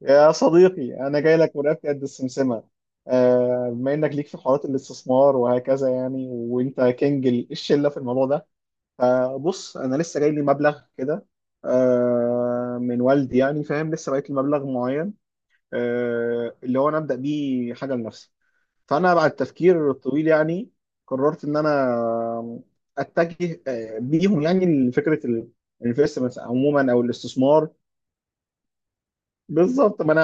يا صديقي، أنا جاي لك من رقبتي قد السمسمة. بما إنك ليك في حوارات الاستثمار وهكذا يعني، وأنت كينج الشلة في الموضوع ده. فبص، أنا لسه جاي لي مبلغ كده، من والدي، يعني فاهم، لسه بقيت لي مبلغ معين، اللي هو أنا أبدأ بيه حاجة لنفسي. فأنا بعد التفكير الطويل يعني، قررت إن أنا أتجه بيهم يعني لفكرة الانفستمنت عموما أو الاستثمار. بالظبط، ما انا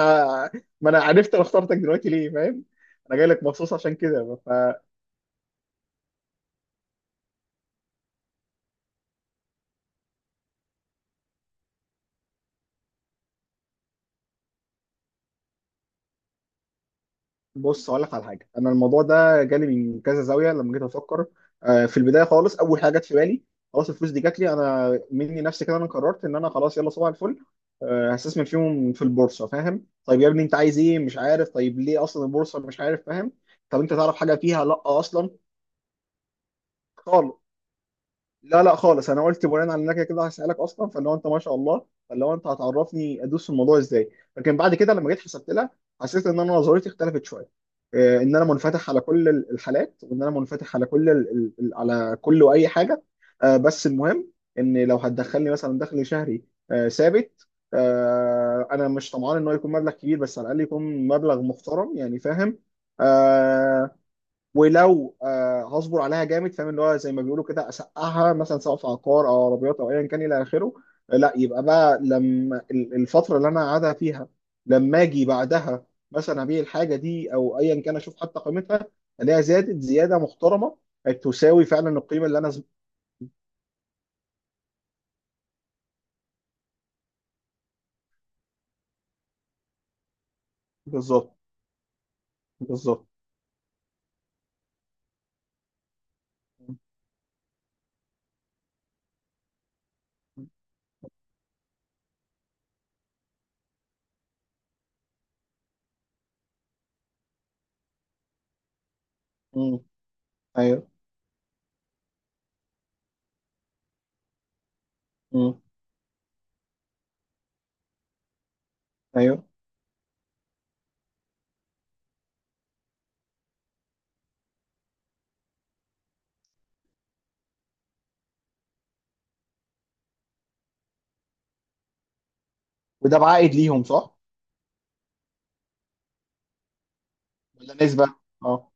ما انا عرفت انا اخترتك دلوقتي ليه، فاهم. انا جاي لك مخصوص عشان كده. فبص اقول لك على حاجه، انا الموضوع ده جالي من كذا زاويه لما جيت افكر. في البدايه خالص، اول حاجه جت في بالي، خلاص، الفلوس دي جات لي انا مني نفسي كده، انا قررت ان انا خلاص، يلا صباح الفل، هستثمر فيهم في البورصه. فاهم، طيب يا ابني انت عايز ايه؟ مش عارف. طيب ليه اصلا البورصه؟ مش عارف، فاهم. طب انت تعرف حاجه فيها؟ لا اصلا. لا لا خالص. انا قلت بناء على انك كده كده هسالك اصلا، فاللي هو انت، ما شاء الله، فاللي هو انت هتعرفني ادوس في الموضوع ازاي. لكن بعد كده لما جيت حسبت لها، حسيت ان انا نظريتي اختلفت شويه. ان انا منفتح على كل الحالات، وان انا منفتح على كل على كل واي حاجه. بس المهم، ان لو هتدخلني مثلا دخل شهري ثابت، انا مش طمعان ان هو يكون مبلغ كبير، بس على الاقل يكون مبلغ محترم، يعني فاهم. آه، ولو هصبر عليها جامد، فاهم، اللي هو زي ما بيقولوا كده اسقعها، مثلا سواء في عقار او عربيات او ايا كان الى اخره. لا، يبقى بقى لما الفتره اللي انا قاعدها فيها، لما اجي بعدها مثلا ابيع الحاجه دي او ايا كان، اشوف حتى قيمتها، الاقيها زادت زياده محترمه، تساوي فعلا القيمه اللي انا بالظبط. بالظبط. مم. ايوه. مم. ايوه. وده بعائد ليهم صح؟ ولا نسبه؟ اه.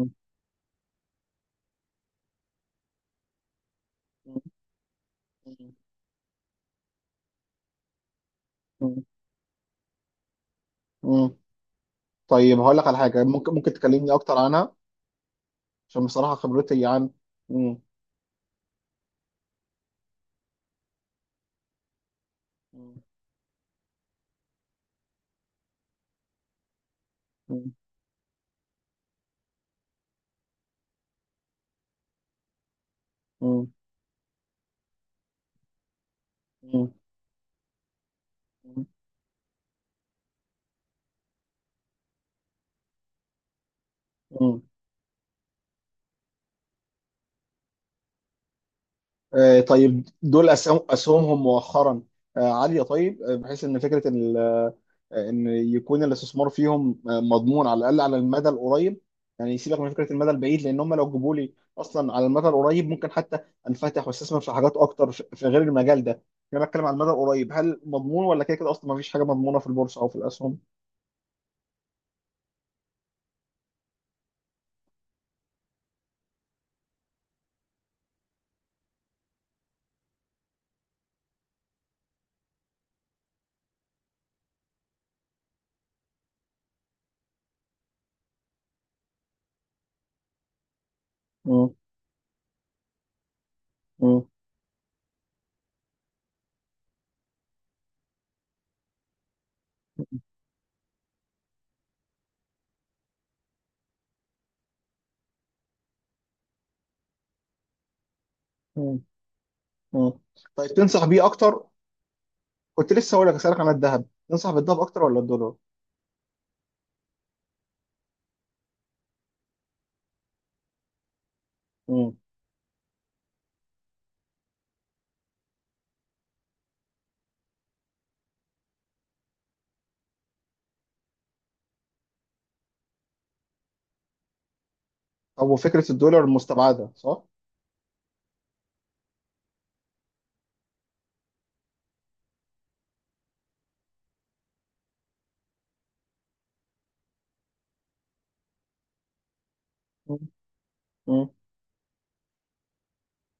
مم. مم. مم. مم. طيب هقول لك على حاجة ممكن، تكلمني أكتر عنها. عشان بصراحة خبرتي عن. مم. مم. مم. مم. مم. مم. آه، طيب دول أسهمهم مؤخرا عالية. طيب، بحيث إن فكرة إن إن يكون الاستثمار فيهم مضمون على الأقل على المدى القريب. يعني سيبك من فكرة المدى البعيد، لأن هم لو جابوا لي أصلا على المدى القريب، ممكن حتى أنفتح وأستثمر في حاجات أكتر في غير المجال ده يعني. أنا بتكلم على المدى القريب، هل مضمون؟ ولا كده كده أصلا ما فيش حاجة مضمونة في البورصة أو في الأسهم؟ مم. مم. مم. طيب تنصح بيه اكتر؟ كنت لسه هقول لك اسالك عن الذهب. تنصح بالذهب اكتر ولا الدولار؟ مم. طب وفكره الدولار مستبعده صح؟ مم. مم.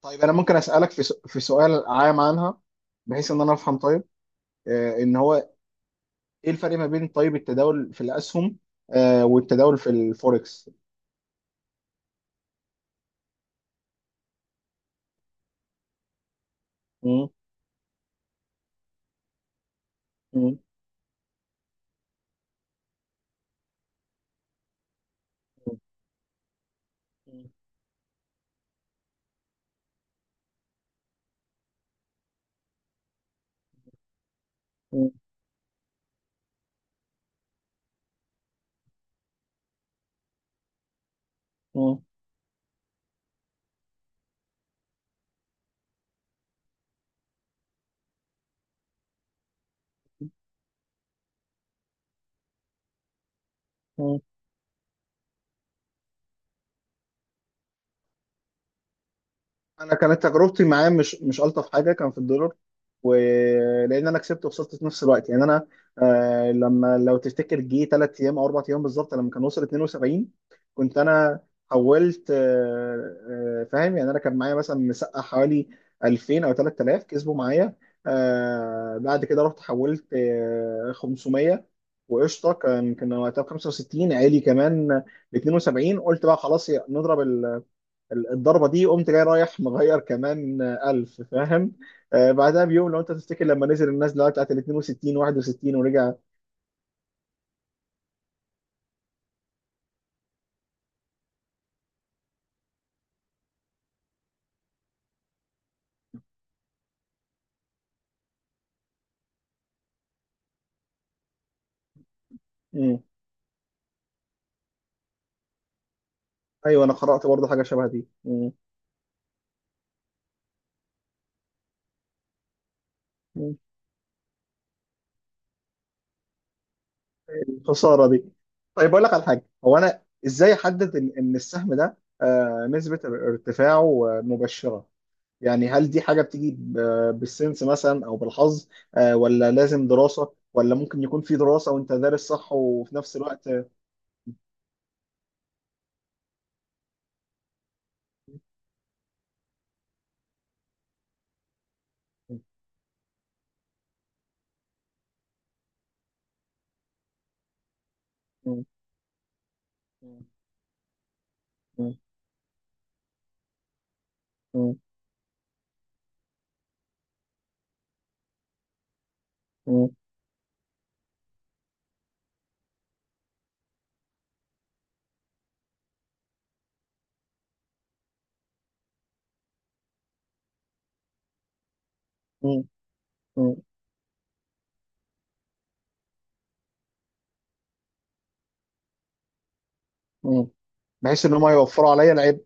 طيب انا ممكن اسالك في في سؤال عام عنها، بحيث ان انا افهم. طيب، ان هو ايه الفرق ما بين، طيب، التداول في الاسهم والتداول في الفوركس؟ مم. مم. مم. مم. مم. انا كانت تجربتي معاه، مش الطف حاجه، كان في الدولار، ولان انا كسبت وخسرت في نفس الوقت. يعني انا لما، لو تفتكر، جه ثلاث ايام او اربع ايام بالظبط، لما كان وصل 72، كنت انا حولت. فاهم، يعني انا كان معايا مثلا مسقى حوالي 2000 او 3000 كسبوا معايا. بعد كده رحت حولت 500. وقشطه، كان وقتها ب 65، عالي كمان، ل 72. قلت بقى خلاص نضرب الضربه دي. قمت جاي رايح مغير كمان 1000، فاهم. بعدها بيوم، لو انت تفتكر، لما نزل النازله بتاعت ال 62 61 ورجع. مم. ايوه، انا قرات برضه حاجه شبه دي. مم. مم. الخساره دي. طيب اقول لك على حاجه، هو انا ازاي احدد ان السهم ده نسبه ارتفاعه مبشره؟ يعني هل دي حاجه بتيجي بالسنس مثلا او بالحظ، ولا لازم دراسه؟ ولا ممكن يكون في دراسه وانت دارس صح وفي نفس الوقت؟ مم. مم. مم. مم. مم. مم. مم. بحيث ان هم يوفروا عليا العيب.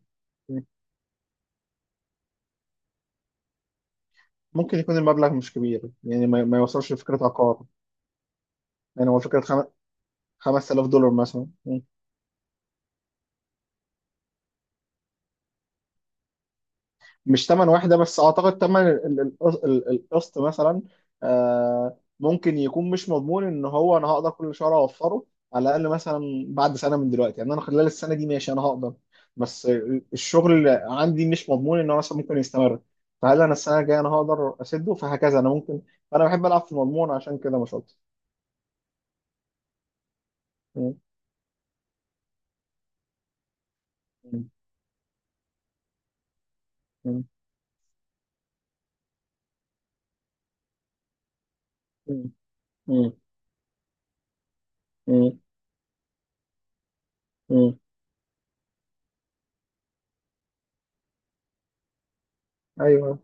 ممكن يكون المبلغ مش كبير يعني، ما يوصلش لفكره عقار. يعني هو فكره $5000 مثلا. مش تمن واحدة بس، أعتقد تمن القسط مثلا، ممكن يكون مش مضمون إن هو أنا هقدر كل شهر أوفره على الأقل. مثلا بعد سنة من دلوقتي، يعني أنا خلال السنة دي ماشي، أنا هقدر. بس الشغل اللي عندي مش مضمون إن هو مثلا ممكن يستمر. فهل أنا السنة الجاية أنا هقدر أسده؟ فهكذا أنا ممكن. فأنا بحب ألعب في المضمون، عشان كده مش أكتر. م-. م-. م-. م-. م-. م-. م-. أيوه.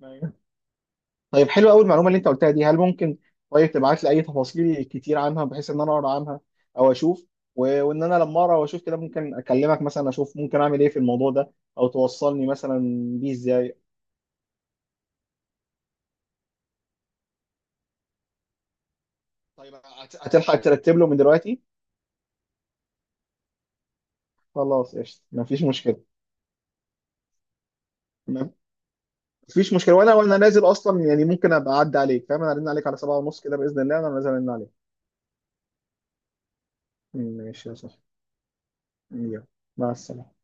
م-. طيب حلو قوي. المعلومه اللي انت قلتها دي، هل ممكن، طيب، تبعت لي اي تفاصيل كتير عنها، بحيث ان انا اقرا عنها او اشوف، وان انا لما اقرا واشوف كده ممكن اكلمك مثلا، اشوف ممكن اعمل ايه في الموضوع ده، او توصلني مثلا بيه ازاي؟ طيب هتلحق ترتب له من دلوقتي؟ خلاص قشطه، مفيش مشكله. مفيش مشكله، وانا نازل اصلا، يعني ممكن ابقى اعدي عليك، فاهم. انا ارن عليك على 7:30 كده باذن الله، انا نازل ارن عليك. ماشي يا صاحبي. يلا. مع السلامه.